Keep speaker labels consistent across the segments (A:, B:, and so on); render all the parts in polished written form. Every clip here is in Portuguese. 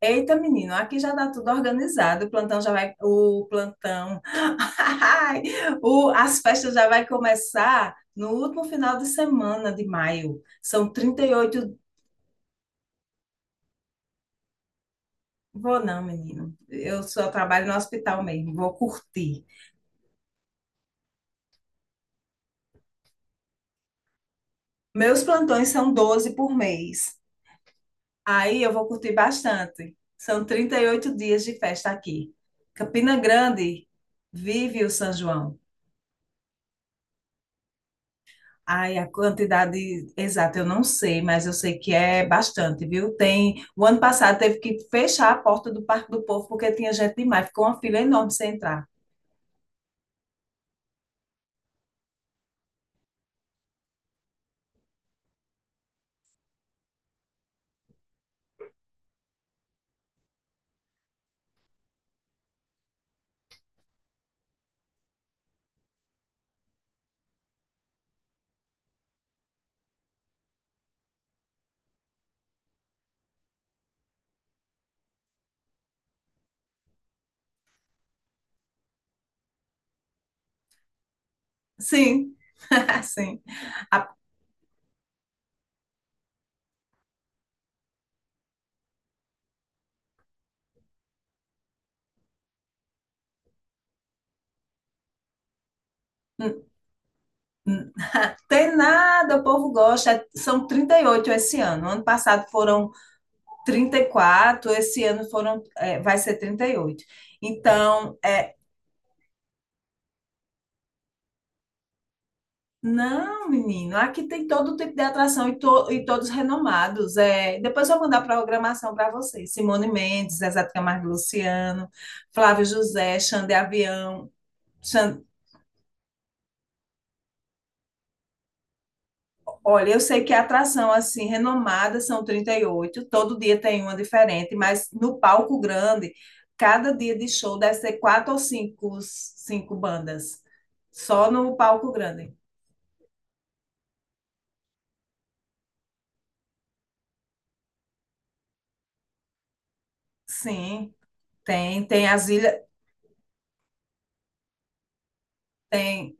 A: Eita, menino, aqui já está tudo organizado. O plantão já vai. O plantão. As festas já vai começar no último final de semana de maio. São 38. Vou não, menino. Eu só trabalho no hospital mesmo. Vou curtir. Meus plantões são 12 por mês. Aí eu vou curtir bastante. São 38 dias de festa aqui. Campina Grande vive o São João. Ai, a quantidade exata eu não sei, mas eu sei que é bastante, viu? Tem, o ano passado teve que fechar a porta do Parque do Povo porque tinha gente demais, ficou uma fila enorme sem entrar. Sim, sim. A- n- n- Tem nada, o povo gosta. São 38 esse ano. Ano passado foram 34, esse ano foram, vai ser 38. Então, é, Não, menino, aqui tem todo tipo de atração e todos renomados. Depois eu vou mandar a programação para vocês. Simone Mendes, Zezé de Camargo e Luciano, Flávio José, Xande Avião. Xan- Olha, eu sei que a atração assim renomada são 38. Todo dia tem uma diferente, mas no palco grande, cada dia de show deve ser quatro ou cinco, cinco bandas. Só no palco grande. Sim, tem, tem as ilhas, tem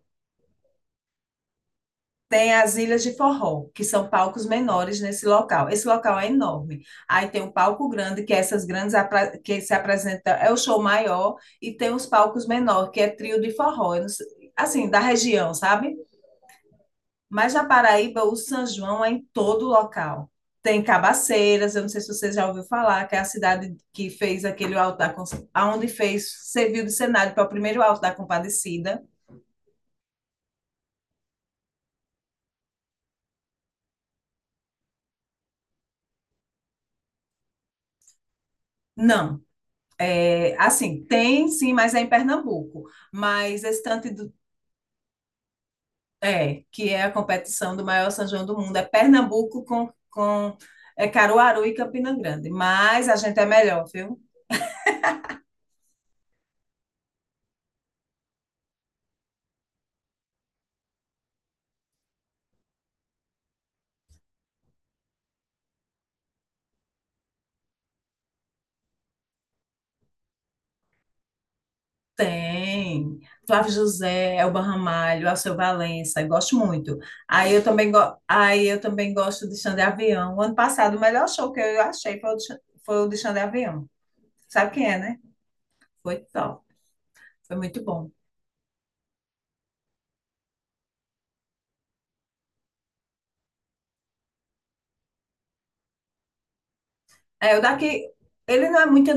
A: Tem as ilhas de forró, que são palcos menores nesse local. Esse local é enorme. Aí tem o palco grande, que é essas grandes que se apresenta, é o show maior, e tem os palcos menores, que é trio de forró. Eu não sei- Assim, da região, sabe? Mas na Paraíba, o São João é em todo local. Tem Cabaceiras, eu não sei se você já ouviu falar, que é a cidade que fez aquele altar, aonde fez, serviu de cenário para o primeiro alto da Compadecida. Não. É, assim, tem sim, mas é em Pernambuco. Mas esse tanto do, é, Que é a competição do maior São João do mundo, é Pernambuco com é Caruaru e Campina Grande. Mas a gente é melhor, viu? Tem. Flávio José, Elba Ramalho, Alceu Valença, eu gosto muito. Aí eu também gosto de Xande Avião. O ano passado, o melhor show que eu achei foi foi o de Xande Avião. Sabe quem é, né? Foi top. Foi muito bom. É, o daqui, Ele não é muito.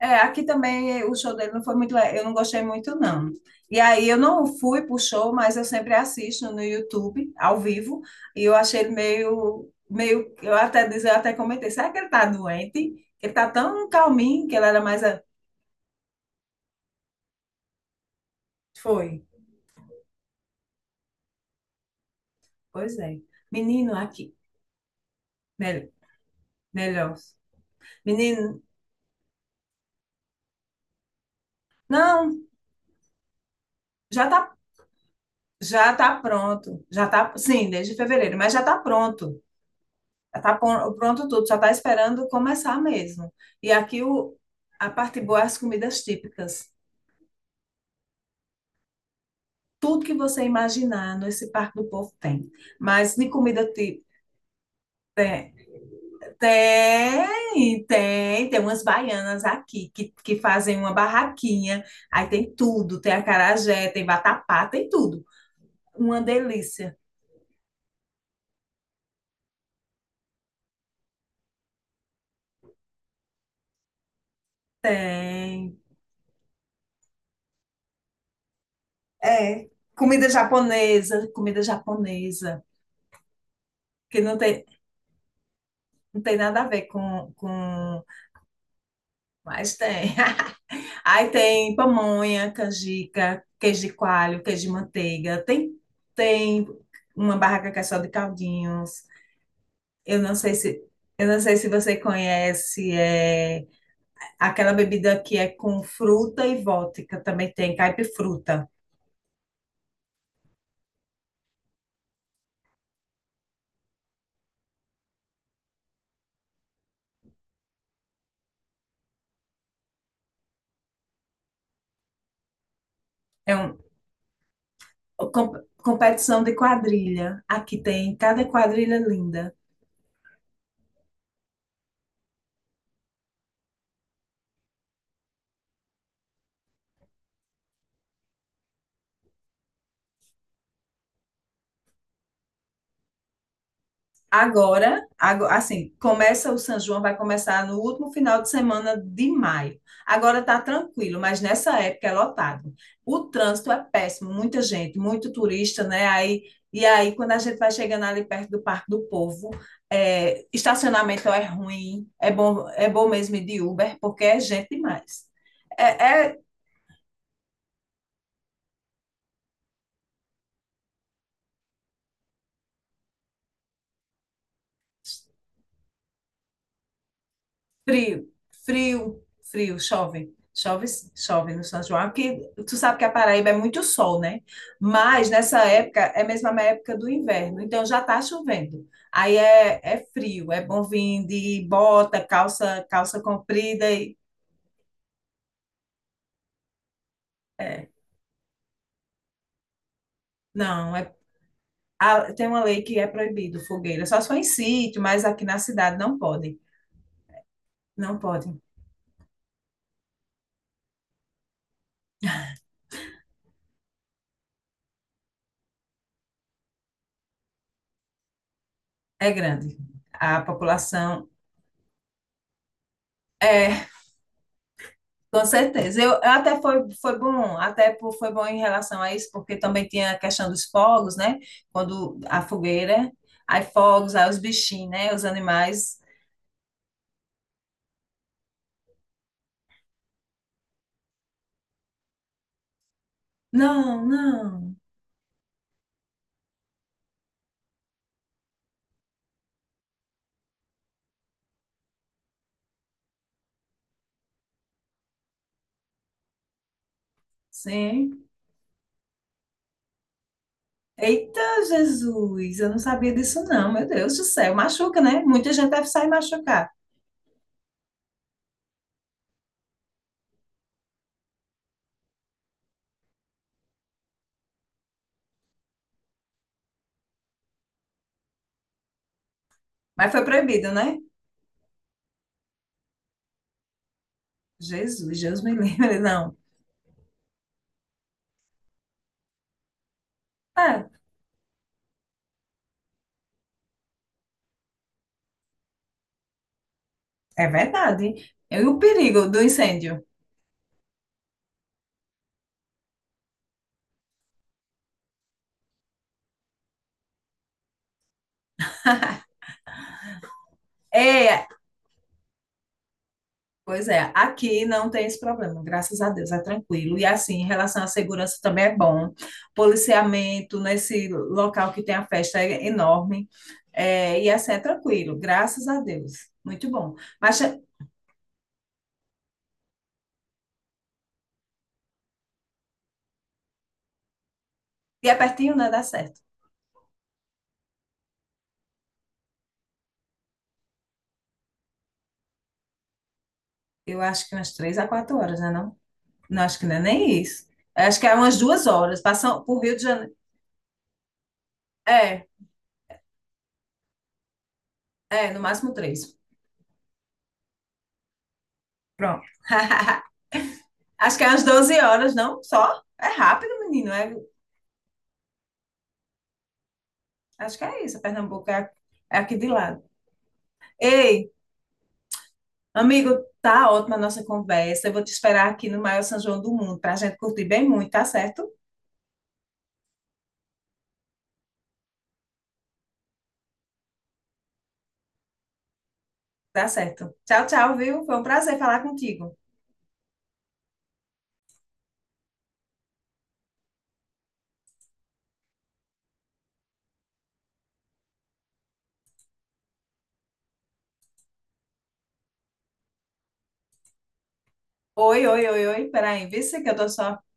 A: É, aqui também o show dele não foi muito, eu não gostei muito, não. E aí eu não fui pro show, mas eu sempre assisto no YouTube, ao vivo, e eu achei ele eu até comentei, será que ele tá doente? Ele tá tão calminho, que ele era foi, pois é. Menino aqui, mel- Melhor. Menino, não, já tá, já tá pronto, sim, desde fevereiro, mas já tá pronto. Está pronto tudo, só está esperando começar mesmo. E aqui o, a parte boa é as comidas típicas. Tudo que você imaginar nesse Parque do Povo tem. Mas de comida típica tem, tem umas baianas aqui que fazem uma barraquinha. Aí tem tudo, tem acarajé, tem vatapá, tem tudo. Uma delícia. Tem. É. Comida japonesa, que não tem, não tem nada a ver com. Mas tem. Aí tem pamonha, canjica, queijo de coalho, queijo de manteiga. Tem, tem uma barraca que é só de caldinhos. Eu não sei se, eu não sei se você conhece, é aquela bebida que é com fruta e vodka, também tem caipifruta. É um, Competição de quadrilha. Aqui tem cada quadrilha linda. Assim, começa o São João, vai começar no último final de semana de maio. Agora está tranquilo, mas nessa época é lotado. O trânsito é péssimo, muita gente, muito turista, né? Quando a gente vai chegando ali perto do Parque do Povo, é, é bom mesmo ir de Uber, porque é gente demais. É. Frio, frio, chove. Chove no São João, porque tu sabe que a Paraíba é muito sol, né? Mas nessa época é mesmo a mesma época do inverno, então já tá chovendo. Aí é, é frio, é bom vir de bota, calça, calça comprida e é. Não, é, a- Tem uma lei que é proibido fogueira, só se for em sítio, mas aqui na cidade não pode. Não pode. É grande. A população é Com certeza. Foi bom, foi bom em relação a isso, porque também tinha a questão dos fogos, né? Quando a fogueira, aí fogos, aí os bichinhos, né? Os animais. Não, não. Sim. Eita, Jesus, eu não sabia disso não, meu Deus do céu. Machuca, né? Muita gente deve sair machucar. Mas foi proibido, né? Jesus, Deus me livre, não. É, é verdade. E o perigo do incêndio? É. Pois é, aqui não tem esse problema, graças a Deus, é tranquilo. E assim, em relação à segurança também é bom. Policiamento nesse local que tem a festa é enorme. É, e assim, é tranquilo, graças a Deus. Muito bom. Mas é pertinho, né? Dá certo. Eu acho que umas 3 a 4 horas, né? Não, não acho que não é nem isso. Acho que é umas 2 horas. Passam por Rio de Janeiro. É, é, no máximo três. Pronto. Acho que é umas 12 horas, não? Só? É rápido, menino. É. Acho que é isso, Pernambuco é, é aqui de lado. Ei, amigo, tá ótima a nossa conversa. Eu vou te esperar aqui no maior São João do mundo para a gente curtir bem muito, tá certo? Tá certo. Tchau, tchau, viu? Foi um prazer falar contigo. Oi, oi, oi, oi. Peraí, vê se que eu tô só